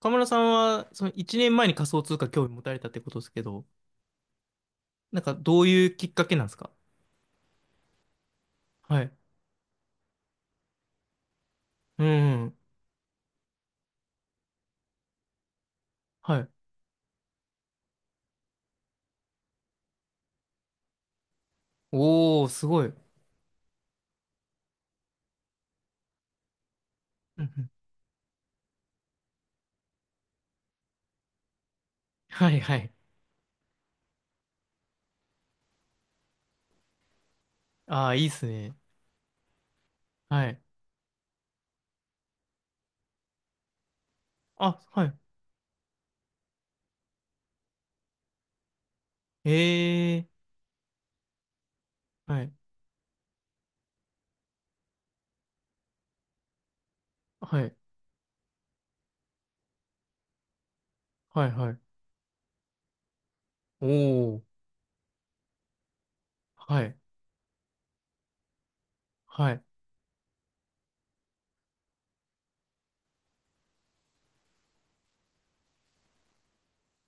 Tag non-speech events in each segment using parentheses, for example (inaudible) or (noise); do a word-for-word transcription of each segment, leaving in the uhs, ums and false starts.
河村さんは、そのいちねんまえに仮想通貨興味持たれたってことですけど、なんかどういうきっかけなんですか？はい。うん。うん。はい。おー、すごい。うん。うん。はいはい。ああ、いいっすね。はい。あ、はい。ええー。はい。はい。はいはい。おー。はい。はい。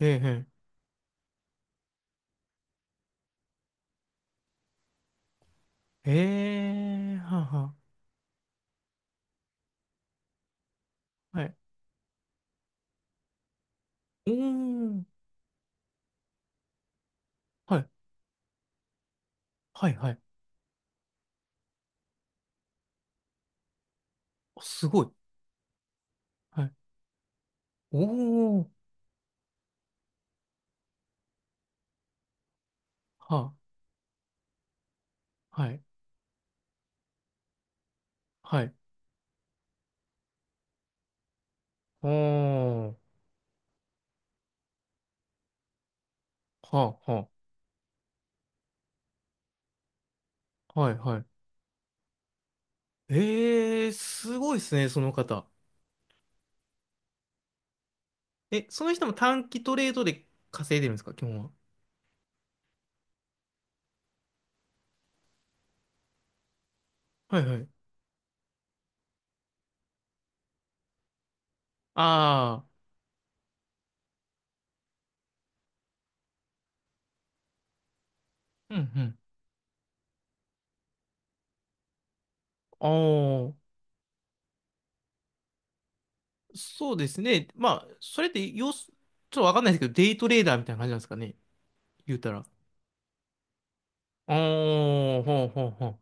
えええええー。はあはあ。はい。おー。はい。はいはい。あ、すごい。はい。おー。はあ。はい。はい。おー。はあはあ、はいはい。えー、すごいですね、その方。え、その人も短期トレードで稼いでるんですか、基本は？はいはい。ああ、うんうん。ああ、そうですね。まあ、それって要す、ちょっとわかんないですけど、デイトレーダーみたいな感じなんですかね、言うたら。ああ、ほうほうほう。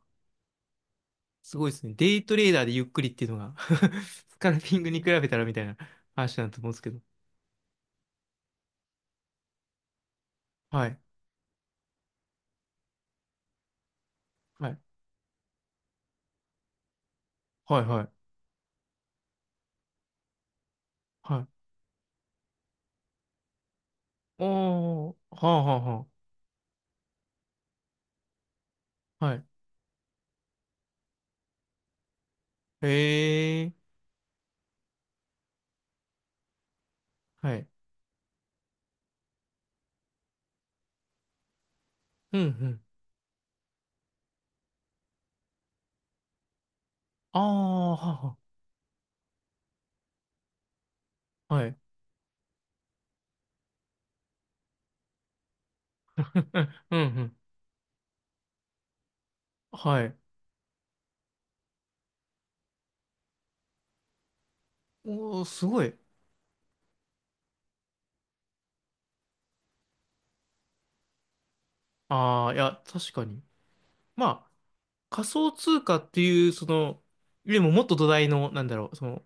すごいですね。デイトレーダーでゆっくりっていうのが。 (laughs) スカルピングに比べたらみたいな話なんだと思うんですけど。はい。はい。はいはい。はい。おー、はあはあはあ。はい。へえ。はい。うんうん。ああ、はは。はい。うん、うん、うん。はい。おー、すごい。ああ、いや、確かに。まあ、仮想通貨っていう、その、でも、もっと土台の、なんだろう、その、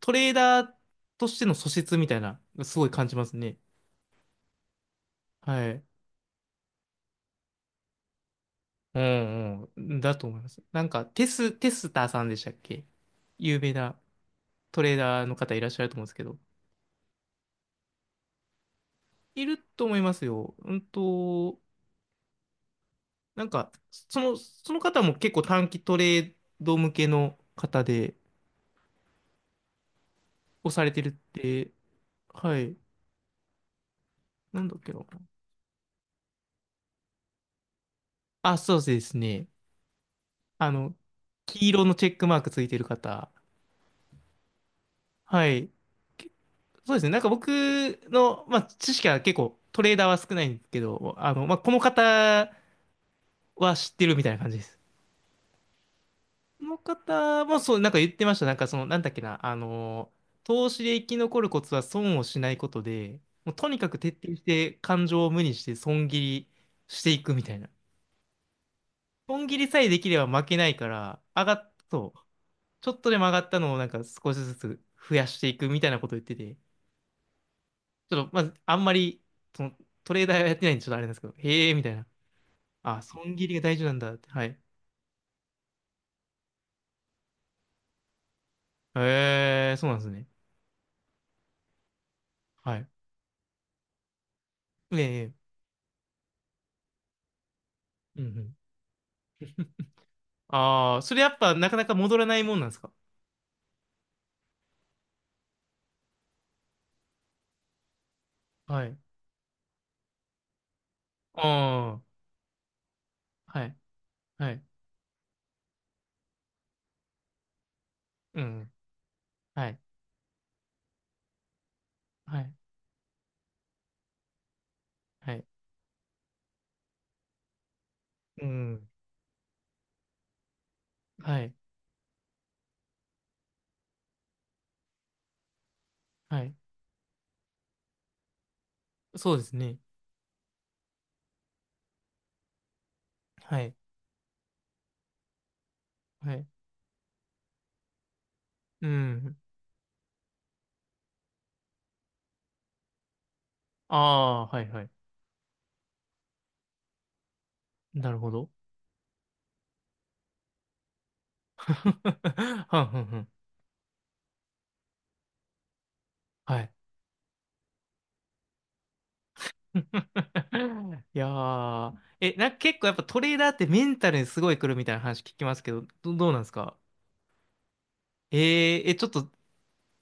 トレーダーとしての素質みたいな、すごい感じますね。はい。うんうん。だと思います。なんか、テス、テスターさんでしたっけ、有名なトレーダーの方いらっしゃると思うんですけど。いると思いますよ。うんと、なんか、その、その方も結構短期トレード向けの方で、をされてるって、はい、なんだっけな。あ、そうですね。あの、黄色のチェックマークついてる方。はい。け、そうですね。なんか僕の、まあ、知識は結構トレーダーは少ないんですけど、あの、まあ、この方は知ってるみたいな感じです。その方もそう、なんか言ってました。なんかその、なんだっけな、あのー、投資で生き残るコツは損をしないことで、もうとにかく徹底して感情を無にして損切りしていくみたいな。損切りさえできれば負けないから、上がっ、そう、ちょっとでも上がったのをなんか少しずつ増やしていくみたいなこと言ってて、ちょっとまずあんまり、その、トレーダーはやってないんでちょっとあれなんですけど、へえ、みたいな。あ、損切りが大事なんだって。はい。へえ、そうなんですね。はい。ええ、うんうん。ああ、それやっぱなかなか戻らないもんなんですか？はい。ああ、はい、はい、うん、はい、はい、はい、うん、はい、はい。そうですね。はい、はい、うん。ああ、はい、はい。なるほど。(laughs) はんはんはん。はい。(laughs) いやー、え、なんか結構やっぱトレーダーってメンタルにすごい来るみたいな話聞きますけど、ど、どうなんですか？えー、え、ちょっと、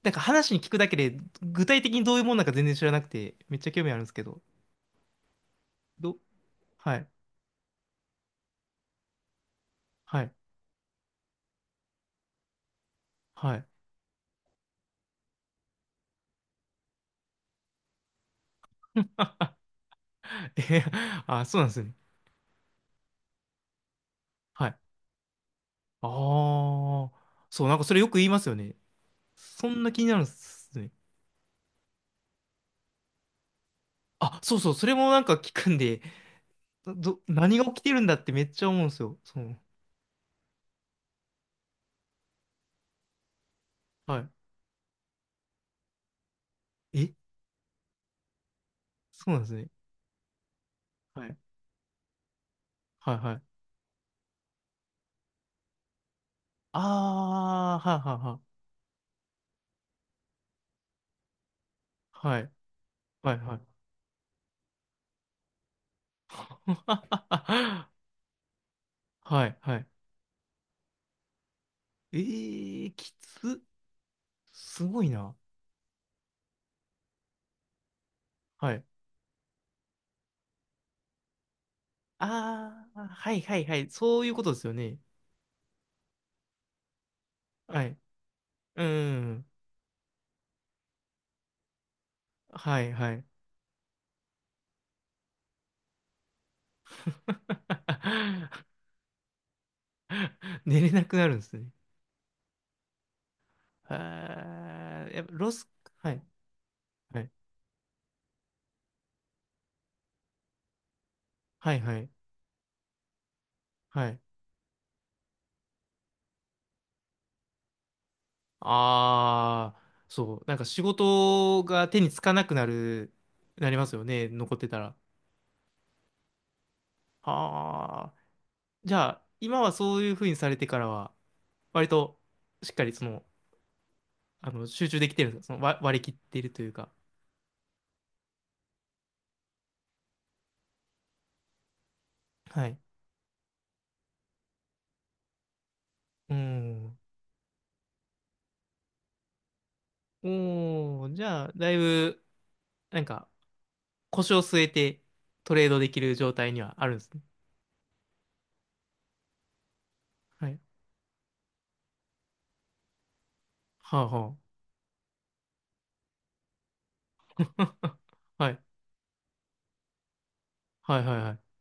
なんか話に聞くだけで、具体的にどういうもんなんか全然知らなくて、めっちゃ興味あるんですけど。ど、はい、はい、はい。(laughs) えへ、あ、そうなんですね。はい。ああ、そう、なんかそれよく言いますよね。そんな気になるんですね。あ、そうそう、それもなんか聞くんで、ど、何が起きてるんだってめっちゃ思うんですよ。そう。はい。え、そうなんですね。はい、はい、はい。ああ、はい、はい、はい。はい、はい。はい、(laughs) はいはい。ええー、きつ。すごいな。はい。ああ、はい、はい、はい。そういうことですよね。はい。うん。はいはい。(laughs) 寝れなくなるんですね。あー、やっぱロス、はい、はい、はい、はい、はい。ああ、そう、なんか仕事が手につかなくなる、なりますよね、残ってたら。ああ、じゃあ、今はそういうふうにされてからは、割としっかりその、あの、集中できてるんですか、その割、割り切っているというか。はい。うん。おー、じゃあ、だいぶ、なんか、腰を据えてトレードできる状態にはあるんですね。はい。はあはあ。(laughs) はい。はいはいはい。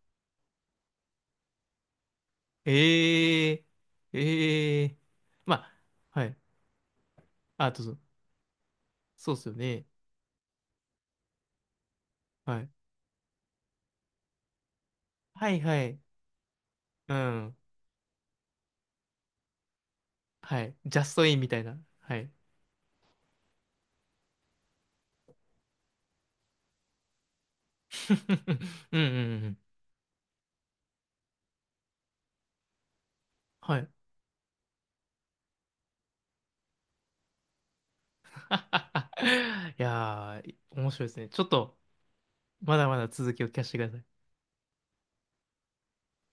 ええええ、まあ、はい。あ、どうぞ。そうっすよね。はい。はいはい。うん。はい。ジャストインみたいな。はい。(laughs) うんうんうん。はい。(laughs) いやー、面白いですね。ちょっと、まだまだ続きを聞かせてください。